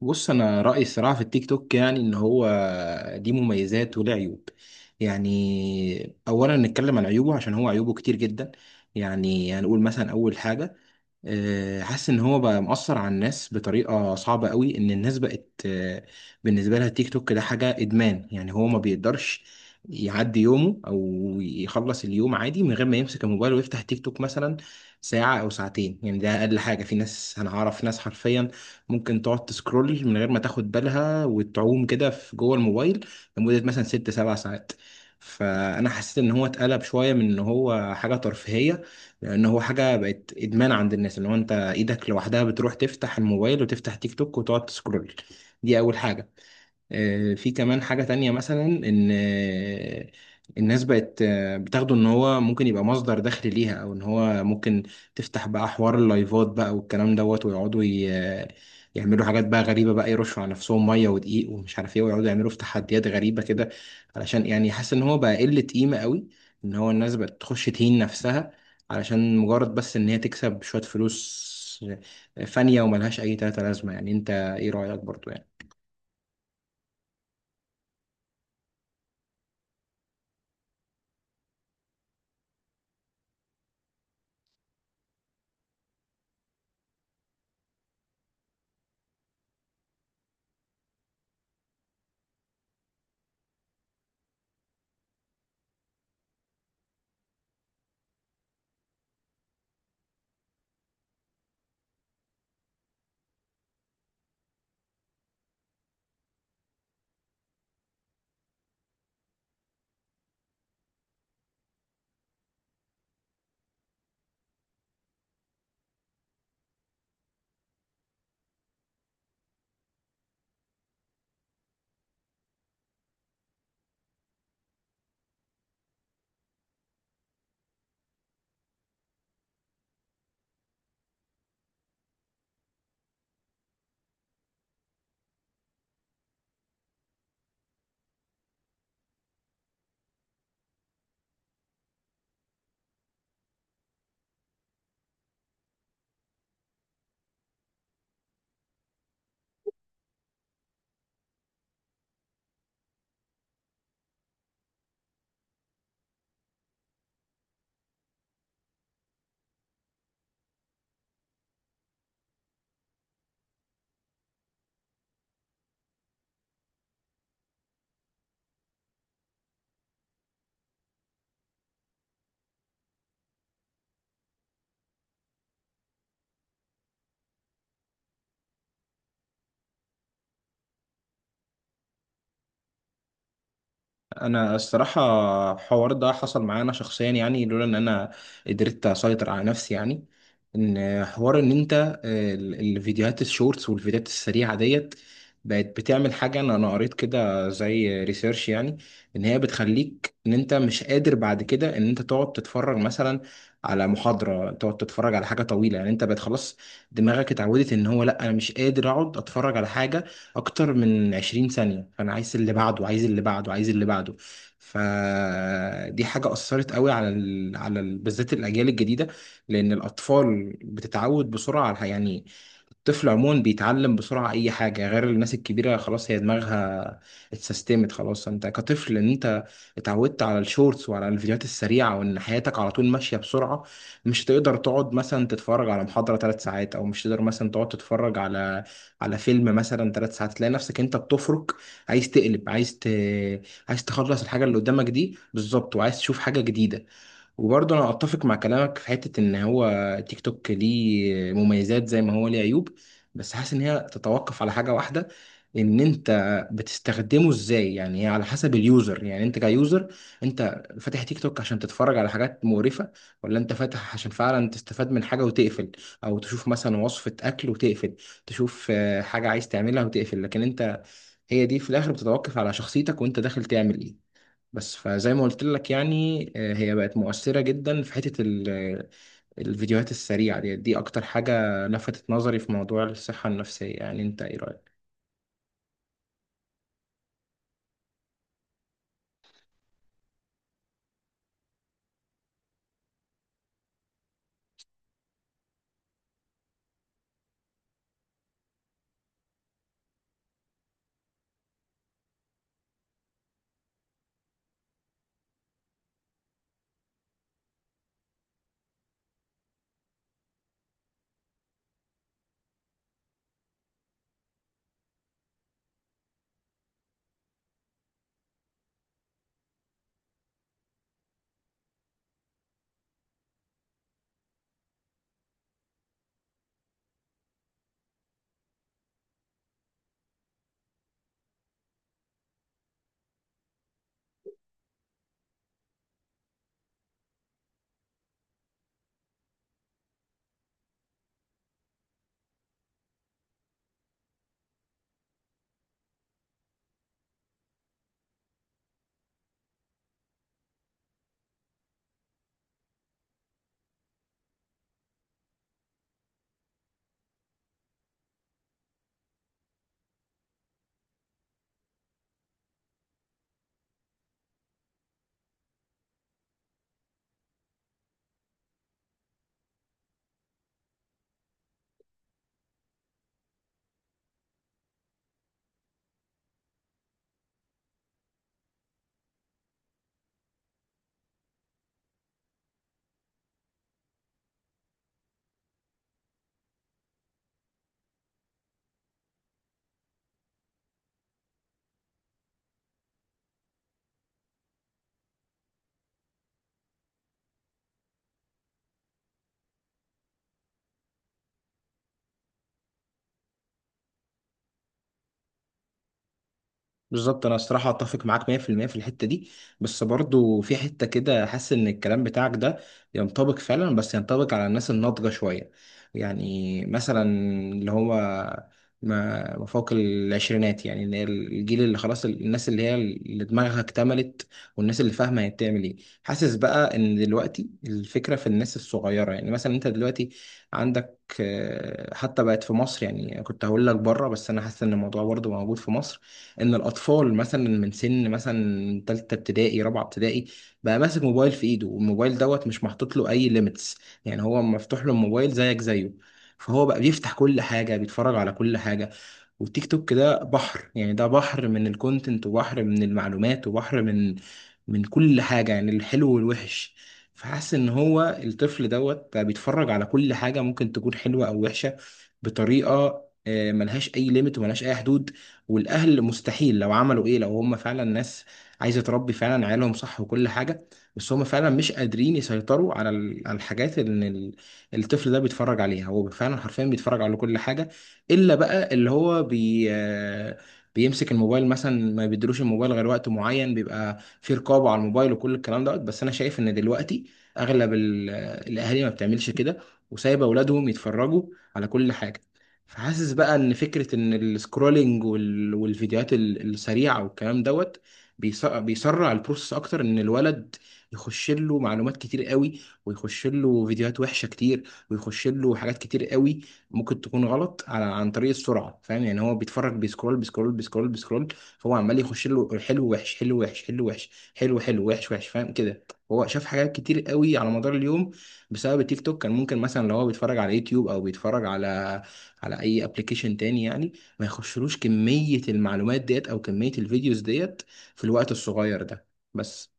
بص انا رايي الصراحه في التيك توك يعني ان هو دي مميزات وله عيوب. يعني اولا نتكلم عن عيوبه عشان هو عيوبه كتير جدا. يعني هنقول مثلا اول حاجه، حاسس ان هو بقى مؤثر على الناس بطريقه صعبه قوي، ان الناس بقت بالنسبه لها التيك توك ده حاجه ادمان. يعني هو ما بيقدرش يعدي يومه او يخلص اليوم عادي من غير ما يمسك الموبايل ويفتح تيك توك مثلا ساعه او ساعتين. يعني ده اقل حاجه، في ناس انا اعرف ناس حرفيا ممكن تقعد تسكرول من غير ما تاخد بالها وتعوم كده في جوه الموبايل لمده مثلا ست سبع ساعات. فانا حسيت ان هو اتقلب شويه من ان هو حاجه ترفيهيه لان هو حاجه بقت ادمان عند الناس، اللي هو انت ايدك لوحدها بتروح تفتح الموبايل وتفتح تيك توك وتقعد تسكرول. دي اول حاجه. في كمان حاجة تانية، مثلا إن الناس بقت بتاخده إن هو ممكن يبقى مصدر دخل ليها، أو إن هو ممكن تفتح بقى حوار اللايفات بقى والكلام دوت، ويقعدوا يعملوا حاجات بقى غريبة، بقى يرشوا على نفسهم مية ودقيق ومش عارف إيه، ويقعدوا يعملوا في تحديات غريبة كده علشان يعني. حاسس إن هو بقى قلة قيمة قوي، إن هو الناس بقت تخش تهين نفسها علشان مجرد بس إن هي تكسب شوية فلوس فانية وملهاش أي تلاتة لازمة. يعني أنت إيه رأيك برضو يعني؟ انا الصراحه، الحوار ده حصل معايا انا شخصيا، يعني لولا ان انا قدرت اسيطر على نفسي. يعني ان حوار ان انت الفيديوهات الشورتس والفيديوهات السريعه ديت بقت بتعمل حاجه، انا قريت كده زي ريسيرش يعني، ان هي بتخليك ان انت مش قادر بعد كده ان انت تقعد تتفرج مثلا على محاضره، تقعد تتفرج على حاجه طويله. يعني انت بقت خلاص دماغك اتعودت ان هو لا، انا مش قادر اقعد اتفرج على حاجه اكتر من 20 ثانية، فانا عايز اللي بعده عايز اللي بعده عايز اللي بعده. فدي حاجة أثرت قوي على بالذات الأجيال الجديدة، لأن الأطفال بتتعود بسرعة يعني الطفل عموما بيتعلم بسرعة أي حاجة. غير الناس الكبيرة خلاص، هي دماغها اتسيستمت خلاص. أنت كطفل إن أنت اتعودت على الشورتس وعلى الفيديوهات السريعة، وإن حياتك على طول ماشية بسرعة، مش تقدر تقعد مثلا تتفرج على محاضرة ثلاث ساعات، أو مش تقدر مثلا تقعد تتفرج على على فيلم مثلا ثلاث ساعات. تلاقي نفسك انت بتفرك، عايز تقلب، عايز تخلص الحاجه اللي قدامك دي بالظبط، وعايز تشوف حاجه جديده. وبرضه انا اتفق مع كلامك في حته ان هو تيك توك ليه مميزات زي ما هو ليه عيوب، بس حاسس ان هي تتوقف على حاجه واحده، ان انت بتستخدمه ازاي. يعني هي على حسب اليوزر، يعني انت كيوزر، انت فاتح تيك توك عشان تتفرج على حاجات مقرفه، ولا انت فاتح عشان فعلا تستفاد من حاجه وتقفل، او تشوف مثلا وصفه اكل وتقفل، تشوف حاجه عايز تعملها وتقفل. لكن انت هي دي في الاخر بتتوقف على شخصيتك وانت داخل تعمل ايه. بس فزي ما قلت لك يعني، هي بقت مؤثرة جدا في حتة الفيديوهات السريعة دي. دي أكتر حاجة لفتت نظري في موضوع الصحة النفسية. يعني أنت إيه رأيك؟ بالظبط، انا الصراحه اتفق معاك 100% في المية في الحته دي، بس برضو في حته كده حاسس ان الكلام بتاعك ده ينطبق فعلا، بس ينطبق على الناس الناضجه شويه. يعني مثلا اللي هو ما فوق العشرينات، يعني اللي هي الجيل اللي خلاص الناس اللي هي اللي دماغها اكتملت، والناس اللي فاهمه هي بتعمل ايه. حاسس بقى ان دلوقتي الفكره في الناس الصغيره، يعني مثلا انت دلوقتي عندك حتى بقت في مصر. يعني كنت هقول لك بره، بس انا حاسس ان الموضوع برضو موجود في مصر، ان الاطفال مثلا من سن مثلا تالتة ابتدائي رابعة ابتدائي بقى ماسك موبايل في ايده، والموبايل دوت مش محطوط له اي ليميتس، يعني هو مفتوح له الموبايل زيك زيه. فهو بقى بيفتح كل حاجة، بيتفرج على كل حاجة. والتيك توك ده بحر، يعني ده بحر من الكونتنت، وبحر من المعلومات، وبحر من من كل حاجة، يعني الحلو والوحش. فحاسس ان هو الطفل دوت بقى بيتفرج على كل حاجة، ممكن تكون حلوة او وحشة، بطريقة ملهاش اي ليميت وملهاش اي حدود. والاهل مستحيل لو عملوا ايه، لو هم فعلا ناس عايزة تربي فعلا عيالهم صح وكل حاجة، بس هم فعلا مش قادرين يسيطروا على الحاجات اللي الطفل ده بيتفرج عليها. هو فعلا حرفيا بيتفرج على كل حاجة، الا بقى اللي هو بي آه، بيمسك الموبايل مثلا، ما بيدروش الموبايل غير وقت معين، بيبقى في رقابة على الموبايل وكل الكلام دوت. بس انا شايف ان دلوقتي اغلب الاهالي ما بتعملش كده، وسايبه اولادهم يتفرجوا على كل حاجة. فحاسس بقى ان فكرة ان السكرولينج والفيديوهات السريعة والكلام دوت بيسرع البروسس اكتر، ان الولد يخش له معلومات كتير قوي، ويخش له فيديوهات وحشة كتير، ويخش له حاجات كتير قوي ممكن تكون غلط، على عن طريق السرعه. فاهم يعني؟ هو بيتفرج بيسكرول بيسكرول بيسكرول بيسكرول، فهو عمال يخش له حلو وحش حلو وحش حلو وحش حلو حلو وحش وحش، فاهم كده. هو شاف حاجات كتير قوي على مدار اليوم بسبب التيك توك. كان ممكن مثلا لو هو بيتفرج على يوتيوب، او بيتفرج على على اي ابلكيشن تاني يعني، ما يخشلوش كميه المعلومات ديت او كميه الفيديوز ديت في الوقت الصغير ده. بس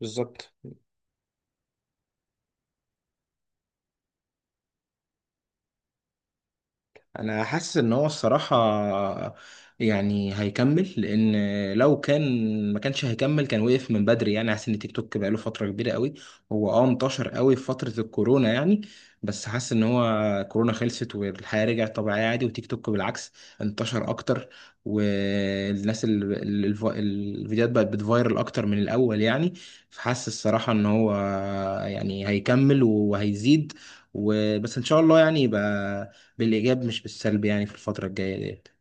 بالظبط. انا حاسس ان هو الصراحه يعني هيكمل، لان لو كان ما كانش هيكمل كان وقف من بدري. يعني حاسس ان تيك توك بقاله فتره كبيره قوي. هو اه انتشر قوي في فتره الكورونا، يعني بس حاسس ان هو كورونا خلصت والحياه رجعت طبيعيه عادي، وتيك توك بالعكس انتشر اكتر، والناس الفيديوهات بقت بتفايرل اكتر من الاول. يعني فحاسس الصراحه ان هو يعني هيكمل وهيزيد، وبس ان شاء الله يعني يبقى بالإيجاب مش بالسلب يعني في الفترة الجاية دي.